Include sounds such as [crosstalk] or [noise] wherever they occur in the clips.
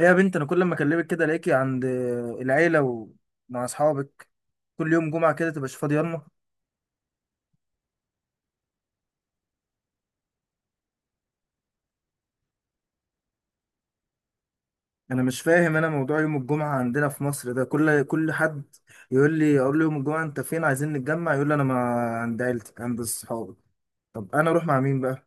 إيه يا بنت، انا كل ما اكلمك كده الاقيكي عند العيله ومع اصحابك، كل يوم جمعه كده تبقاش فاضيه، يلا. انا مش فاهم انا، موضوع يوم الجمعه عندنا في مصر ده، كل حد يقول لي، اقول له يوم الجمعه انت فين، عايزين نتجمع، يقول لي انا ما عند عيلتي عند اصحابي. طب انا اروح مع مين بقى؟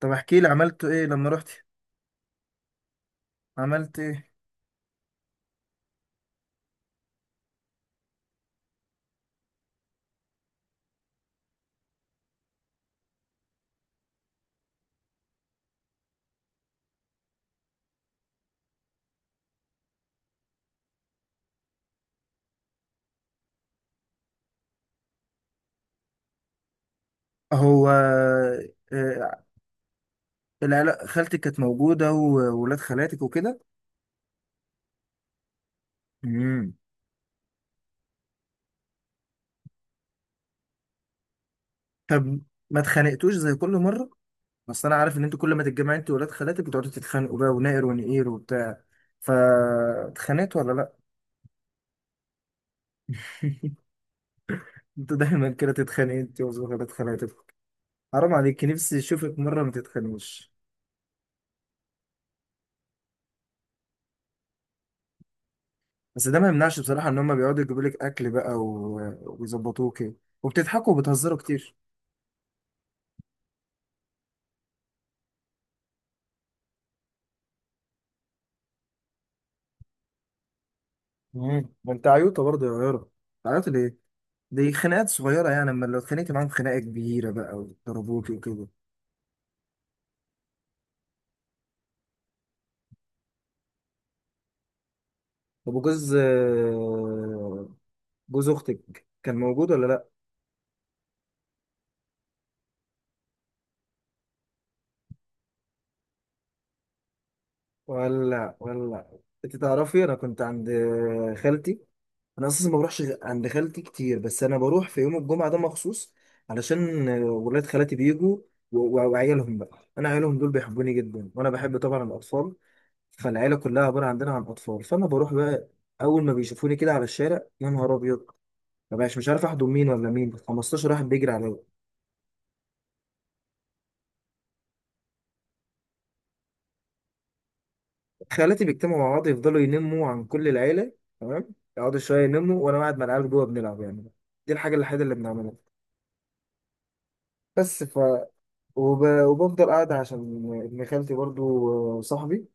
طب احكي لي عملت ايه لما رحت؟ عملت ايه؟ هو آه، العيله، خالتك كانت موجوده وولاد خالاتك وكده؟ امم. طب ما اتخانقتوش زي كل مره؟ بس انا عارف ان انتوا كل ما تتجمعوا، انتوا ولاد خالاتك بتقعدوا تتخانقوا بقى ونائر ونقير وبتاع، فاتخانقت ولا لا؟ [laughs] انت دايما كده تتخانق انت وولاد خالاتك. حرام عليك، نفسي اشوفك مره ما تتخانقوش. بس ده ما يمنعش بصراحه ان هم بيقعدوا يجيبوا لك اكل بقى ويظبطوك إيه. وبتضحكوا وبتهزروا كتير. ما انت عيوطه برضه يا غيره، عيوطه ليه؟ دي خناقات صغيره يعني، اما لو اتخانقت معاهم خناقه كبيره بقى وضربوك وكده. طب وجوز آه، جوز اختك كان موجود ولا لا؟ ولا انت تعرفي، انا كنت عند خالتي. انا اساسا ما بروحش عند خالتي كتير، بس انا بروح في يوم الجمعه ده مخصوص علشان ولاد خالتي بيجوا وعيالهم بقى. انا عيالهم دول بيحبوني جدا، وانا بحب طبعا الاطفال، فالعيله كلها عباره عندنا عن اطفال، فانا بروح بقى. اول ما بيشوفوني كده على الشارع يا نهار ابيض، ما بقاش مش عارف احضن مين ولا مين، 15 واحد بيجري عليا. خالاتي بيجتمعوا مع بعض يفضلوا ينموا عن كل العيلة، تمام، يقعدوا شوية ينموا، وأنا قاعد مع العيال جوه بنلعب يعني. دي الحاجة الوحيدة اللي بنعملها. بس، وبفضل قاعد عشان ابن خالتي برضو صاحبي،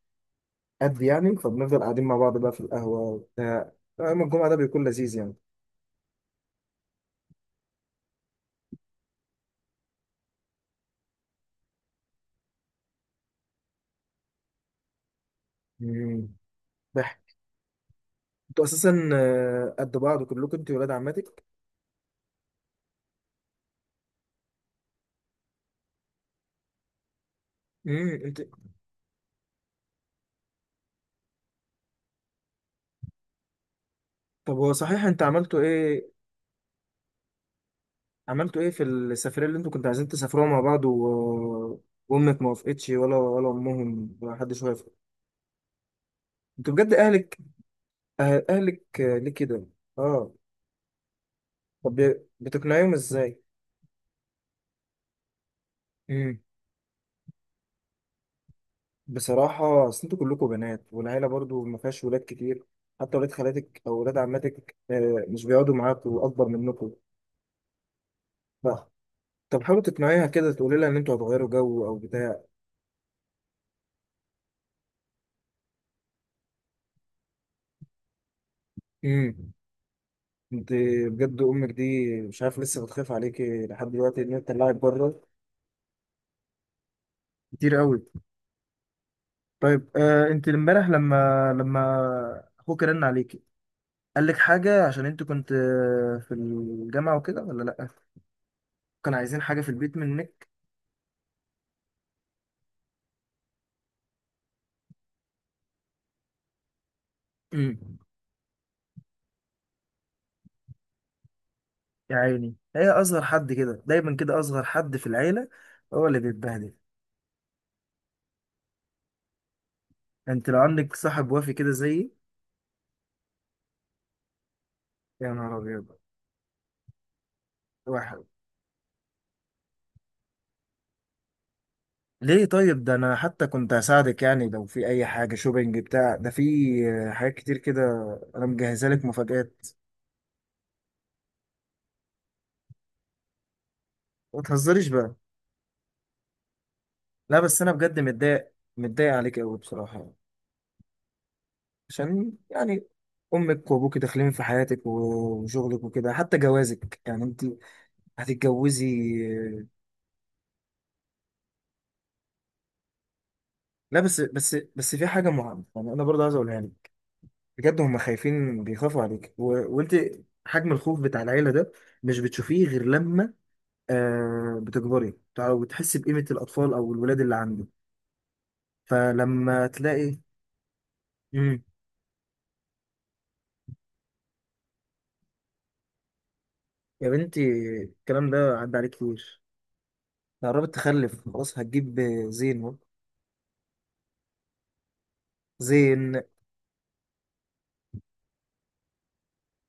قد يعني، فبنفضل قاعدين مع بعض بقى في القهوة وبتاع، يوم الجمعة ده بيكون لذيذ يعني. مم. ضحك. انتوا أساسا قد بعض كلكم انتوا ولاد عماتك؟ انت، طب هو صحيح انت عملتوا ايه؟ عملتوا ايه في السفرية اللي انتوا كنتوا عايزين تسافروها مع بعض وامك ما وافقتش، ولا امهم، ولا حدش وافق؟ انتوا بجد اهلك، اهلك ليه كده؟ اه. طب بتقنعيهم ازاي؟ امم. بصراحة، اصل انتوا كلكم بنات، والعيلة برضو ما فيهاش ولاد كتير، حتى ولاد خالاتك او ولاد عماتك مش بيقعدوا معاكوا اكبر منكم. ف... طب حاولوا تقنعيها كده، تقولي لها ان انتوا هتغيروا جو او بتاع. امم انت، بجد امك دي، مش عارف لسه بتخاف عليكي لحد دلوقتي ان هي تطلعك بره كتير قوي. طيب، انت امبارح، لما اخوك رن عليكي قال لك حاجه، عشان انت كنت في الجامعه وكده ولا لا؟ كان عايزين حاجه في البيت منك؟ امم. يا عيني، هي اصغر حد كده، دايما كده اصغر حد في العيله هو اللي بيتبهدل. انت لو عندك صاحب وافي كده زيي. يا نهار ابيض، واحد. ليه؟ طيب ده انا حتى كنت هساعدك يعني، لو في اي حاجه شوبينج بتاع ده، في حاجات كتير كده. انا مجهزها لك مفاجآت. ما تهزريش بقى. لا بس انا بجد متضايق متضايق عليك قوي بصراحه. عشان يعني، امك وابوك داخلين في حياتك وشغلك وكده، حتى جوازك يعني انت هتتجوزي. لا، بس في حاجه مهمه يعني، انا برضه عايز اقولها لك. بجد هم خايفين بيخافوا عليك وانت، حجم الخوف بتاع العيله ده مش بتشوفيه غير لما بتكبري، وتحسي بقيمه الاطفال او الولاد اللي عندك. فلما تلاقي. مم. يا بنتي، الكلام ده عدى عليك كتير، لا قربت تخلف خلاص، هتجيب زين اهو. زين.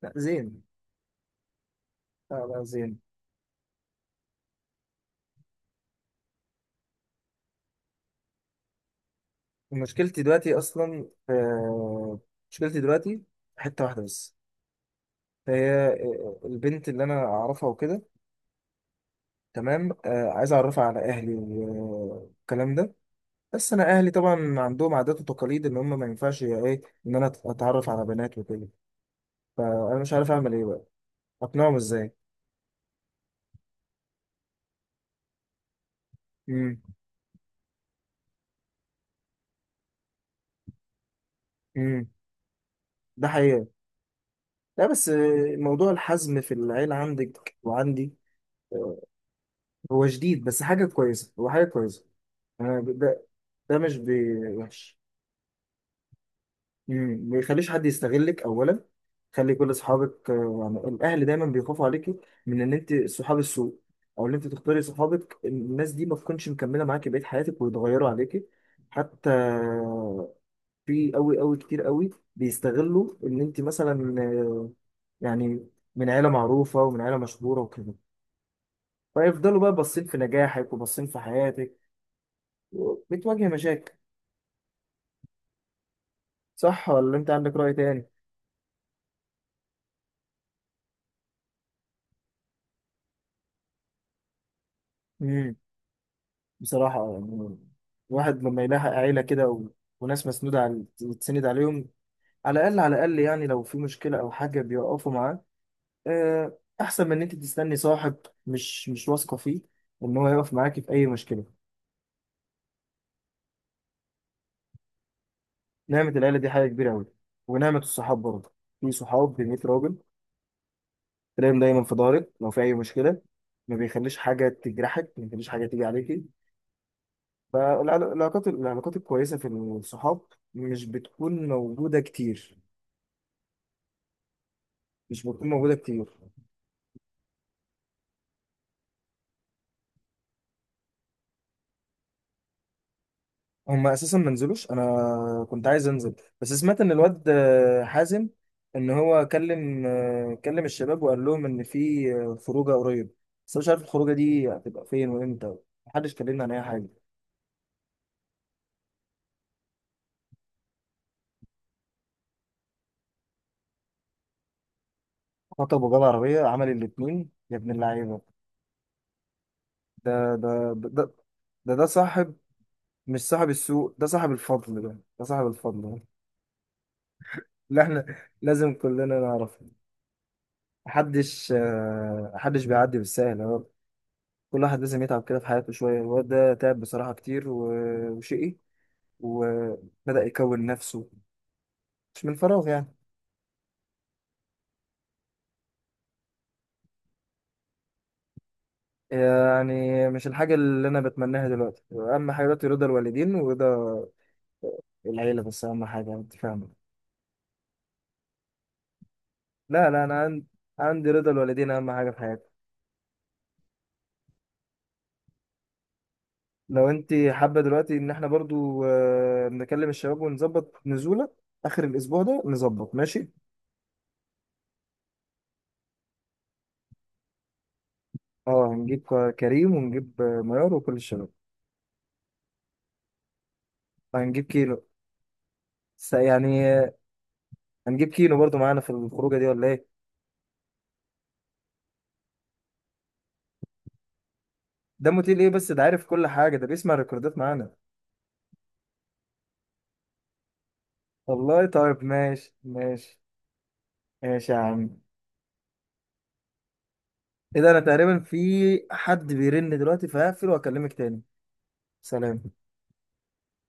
لا، زين. لا، لا، زين. مشكلتي دلوقتي اصلا مشكلتي دلوقتي حته واحده بس. هي البنت اللي انا اعرفها وكده. تمام، عايز اعرفها على اهلي والكلام ده. بس انا اهلي طبعا عندهم عادات وتقاليد، ان هم ما ينفعش يا ايه ان انا اتعرف على بنات وكده. فانا مش عارف اعمل ايه بقى، اقنعهم ازاي؟ امم، امم، ده حقيقة. لا بس موضوع الحزم في العيلة عندك وعندي هو جديد، بس حاجة كويسة، هو حاجة كويسة. أنا ب- ده ده مش وحش. مم. ما يخليش حد يستغلك أولا، خلي كل أصحابك يعني الأهل دايما بيخافوا عليكي من إن أنت صحاب السوء. أو إن أنت تختاري صحابك الناس دي ما تكونش مكملة معاكي بقية حياتك ويتغيروا عليكي. حتى في أوي أوي كتير أوي، بيستغلوا إن أنت مثلا يعني من عيلة معروفة ومن عيلة مشهورة وكده. فيفضلوا بقى باصين في نجاحك وباصين في حياتك، بتواجه مشاكل. صح ولا انت عندك رأي تاني؟ امم. بصراحة يعني، الواحد لما يلاحق عيلة كده وناس مسنودة على تسند عليهم، على الأقل يعني، لو في مشكلة أو حاجة بيقفوا معاه. أحسن من إن أنت تستني صاحب مش واثقة فيه إن هو يقف معاكي في أي مشكلة. نعمة العيلة دي حاجة كبيرة أوي. ونعمة الصحاب برضه، في صحاب ب 100 راجل، تلاقيهم دايما في ظهرك، لو في أي مشكلة ما بيخليش حاجة تجرحك، ما بيخليش حاجة تيجي عليكي. العلاقات الكويسة في الصحاب مش بتكون موجودة كتير، مش بتكون موجودة كتير. هما أساسا ما نزلوش، أنا كنت عايز أنزل. بس سمعت إن الواد حازم، إن هو كلم الشباب، وقال لهم إن في خروجة قريب. بس أنا مش عارف الخروجة دي هتبقى فين وإمتى. محدش كلمنا عن أي حاجة. خطب وجاب عربية، عمل الاتنين يا ابن اللعيبة! ده ده ده ده صاحب. مش صاحب السوق، ده صاحب الفضل، ده صاحب الفضل. اللي احنا لازم كلنا نعرف. محدش بيعدي بالسهل، هو. كل واحد لازم يتعب كده في حياته شوية، الواد ده تعب بصراحة كتير وشقي. وبدأ يكون نفسه، مش من فراغ يعني. يعني مش الحاجة اللي أنا بتمناها دلوقتي، أهم حاجة دلوقتي رضا الوالدين ورضا العيلة بس، أهم حاجة، أنت فاهمة؟ لا، لا، أنا عندي رضا الوالدين أهم حاجة في حياتي. لو أنت حابة دلوقتي إن احنا برضو نكلم الشباب ونظبط نزولة آخر الأسبوع ده، نظبط ماشي. اه، هنجيب كريم ونجيب ميار وكل الشباب. هنجيب كيلو يعني هنجيب كيلو برضو معانا في الخروجه دي ولا ايه؟ ده موتيل ايه؟ بس ده عارف كل حاجه، ده بيسمع الريكوردات معانا. والله طيب، ماشي، ماشي، ماشي يا عم. ايه ده؟ انا تقريبا في حد بيرن دلوقتي، فهقفل واكلمك تاني. سلام.